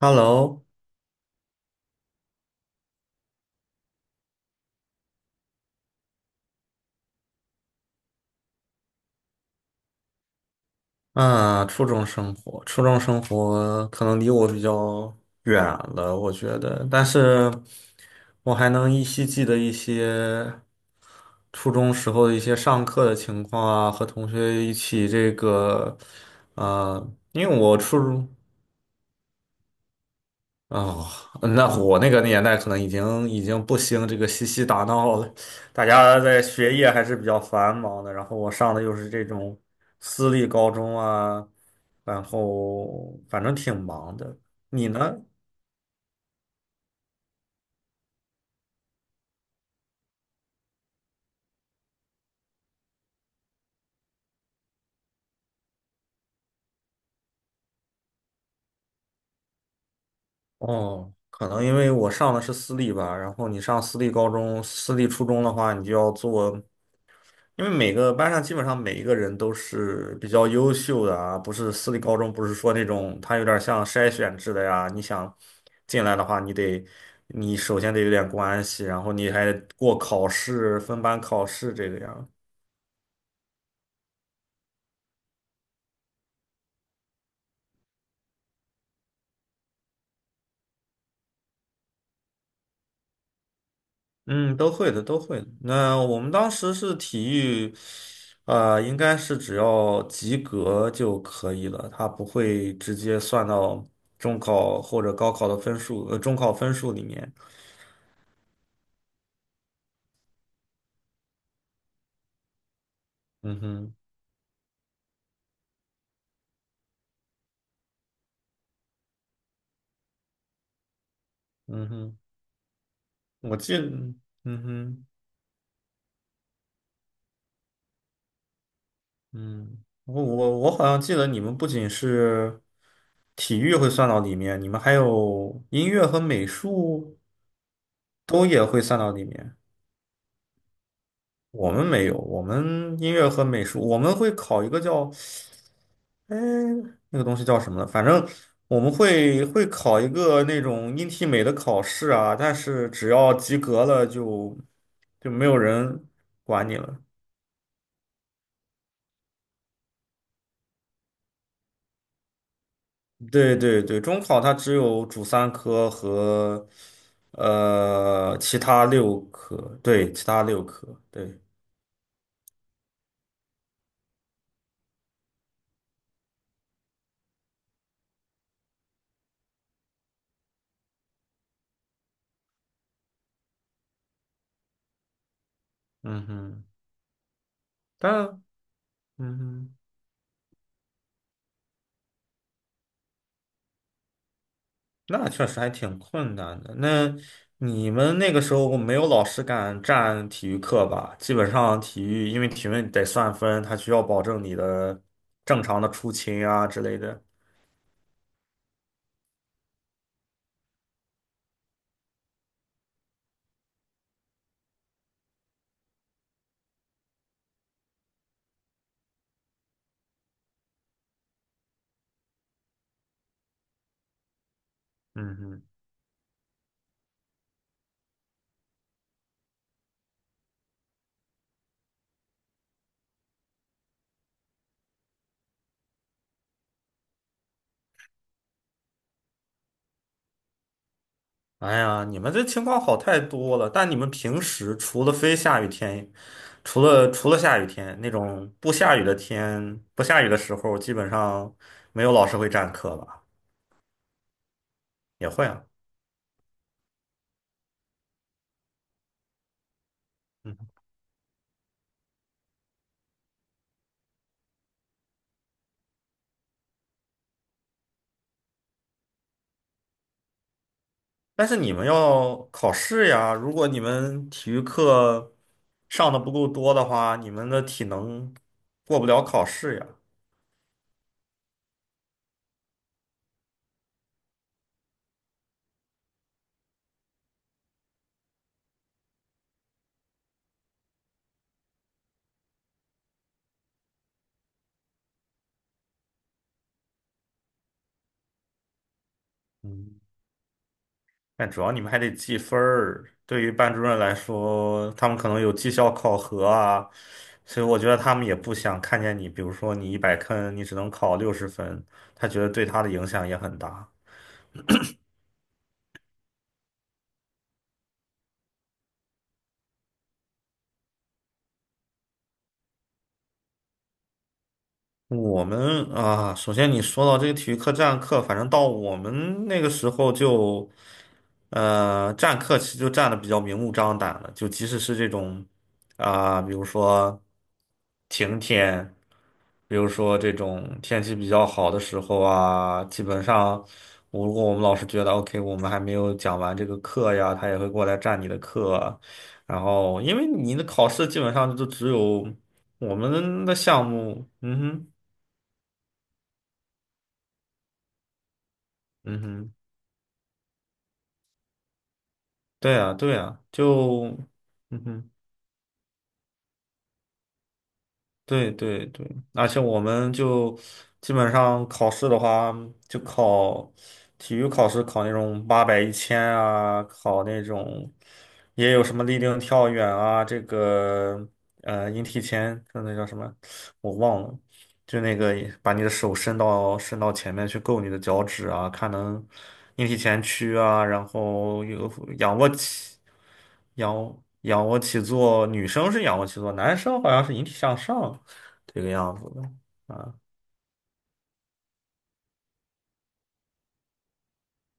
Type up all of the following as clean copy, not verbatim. Hello,啊，初中生活，可能离我比较远了，我觉得，但是我还能依稀记得一些初中时候的一些上课的情况啊，和同学一起这个，呃，因为我初中哦，那我那个年代可能已经不兴这个嬉戏打闹了，大家在学业还是比较繁忙的。然后我上的又是这种私立高中啊，然后反正挺忙的。你呢？哦，可能因为我上的是私立吧，然后你上私立高中、私立初中的话，你就要做。因为每个班上基本上每一个人都是比较优秀的啊，不是私立高中，不是说那种他有点像筛选制的呀。你想进来的话，你首先得有点关系，然后你还得过考试，分班考试这个样。嗯，都会的，都会的。那我们当时是体育，呃，应该是只要及格就可以了，他不会直接算到中考或者高考的分数，呃，中考分数里面。嗯哼。嗯哼。我记得嗯哼。嗯，我好像记得你们不仅是体育会算到里面，你们还有音乐和美术都也会算到里面。我们没有，我们音乐和美术，我们会考一个叫，哎，那个东西叫什么呢？反正我们会考一个那种音体美的考试啊，但是只要及格了就没有人管你了。对对对，中考它只有主三科和呃其他六科，对，其他六科，对。嗯哼。但嗯哼，那确实还挺困难的。那你们那个时候没有老师敢占体育课吧？基本上体育，因为体育得算分，他需要保证你的正常的出勤啊之类的。嗯哼。哎呀，你们这情况好太多了。但你们平时除了非下雨天，除了下雨天那种不下雨的天，不下雨的时候，基本上没有老师会占课吧？也会啊，嗯。但是你们要考试呀，如果你们体育课上的不够多的话，你们的体能过不了考试呀。嗯。但主要你们还得记分儿，对于班主任来说，他们可能有绩效考核啊，所以我觉得他们也不想看见你，比如说你一百坑，你只能考六十分，他觉得对他的影响也很大。我们啊，首先你说到这个体育课占课，反正到我们那个时候就，呃，占课其实就占的比较明目张胆了，就即使是这种啊、比如说晴天，比如说这种天气比较好的时候啊，基本上我如果我们老师觉得 OK，我们还没有讲完这个课呀，他也会过来占你的课，然后因为你的考试基本上就只有我们的项目。嗯哼。嗯哼，对啊，对啊，就，嗯哼，对对对，而且我们就基本上考试的话，就考体育考试，考那种八百、一千啊，考那种也有什么立定跳远啊，这个呃引体前，就那叫什么，我忘了，就那个把你的手伸到前面去够你的脚趾啊，看能引体前屈啊，然后有仰卧起。仰卧起坐，女生是仰卧起坐，男生好像是引体向上这个样子的。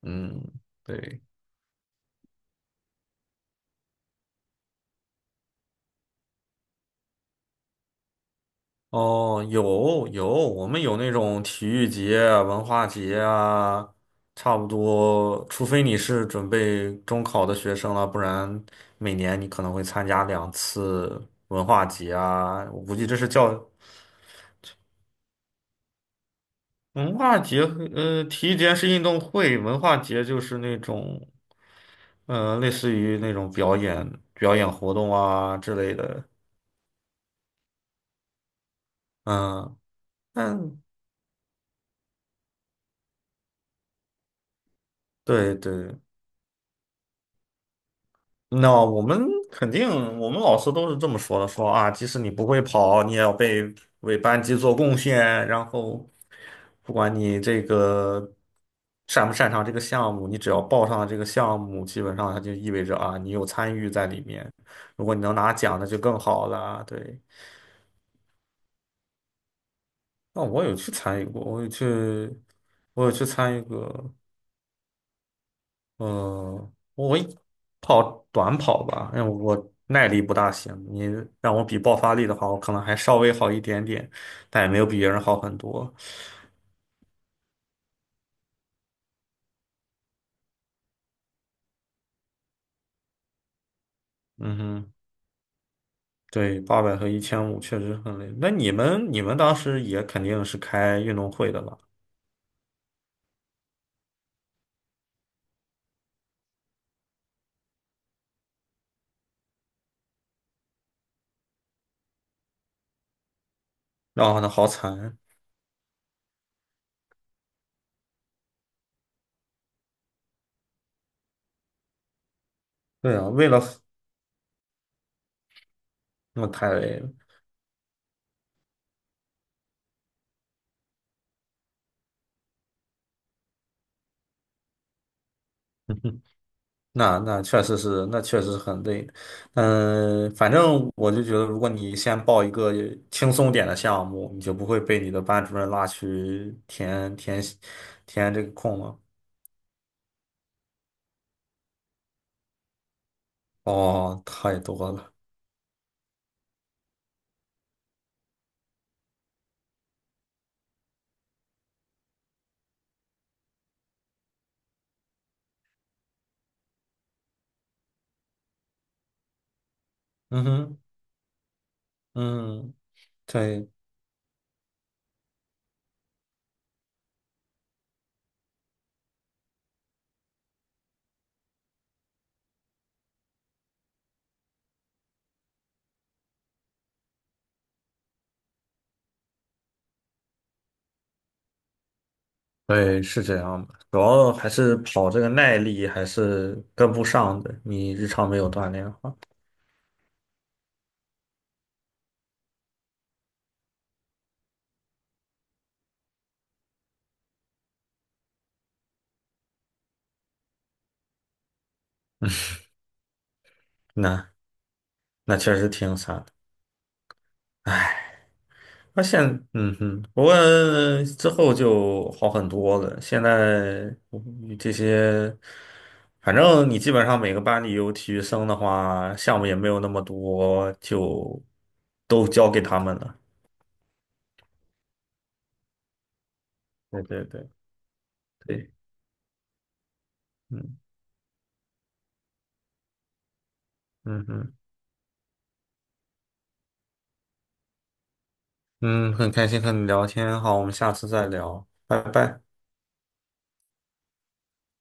嗯，对。哦，有有，我们有那种体育节啊、文化节啊，差不多，除非你是准备中考的学生了，不然每年你可能会参加两次文化节啊。我估计这是教文化节和呃，体育节是运动会，文化节就是那种，呃，类似于那种表演、表演活动啊之类的。嗯。嗯，对对。那我们肯定，我们老师都是这么说的，说啊，即使你不会跑，你也要被为班级做贡献，然后不管你这个擅不擅长这个项目，你只要报上了这个项目，基本上它就意味着啊，你有参与在里面。如果你能拿奖，那就更好了。对，那我有去参与过，我有去，我有去参与过。嗯，我跑短跑吧，因为我耐力不大行。你让我比爆发力的话，我可能还稍微好一点点，但也没有比别人好很多。嗯哼。对，八百和一千五确实很累。那你们当时也肯定是开运动会的吧？然后呢，好惨。对啊，为了我太累了。那确实是，那确实是很累。嗯，反正我就觉得，如果你先报一个轻松点的项目，你就不会被你的班主任拉去填这个空了。哦，太多了。嗯哼。嗯，对对，是这样的。主要还是跑这个耐力还是跟不上的，你日常没有锻炼的话，那那确实挺惨。他现，嗯哼，不过之后就好很多了。现在嗯这些，反正你基本上每个班里有体育生的话，项目也没有那么多，就都交给他们了。对对对对。嗯嗯嗯嗯，很开心和你聊天，好，我们下次再聊，拜拜。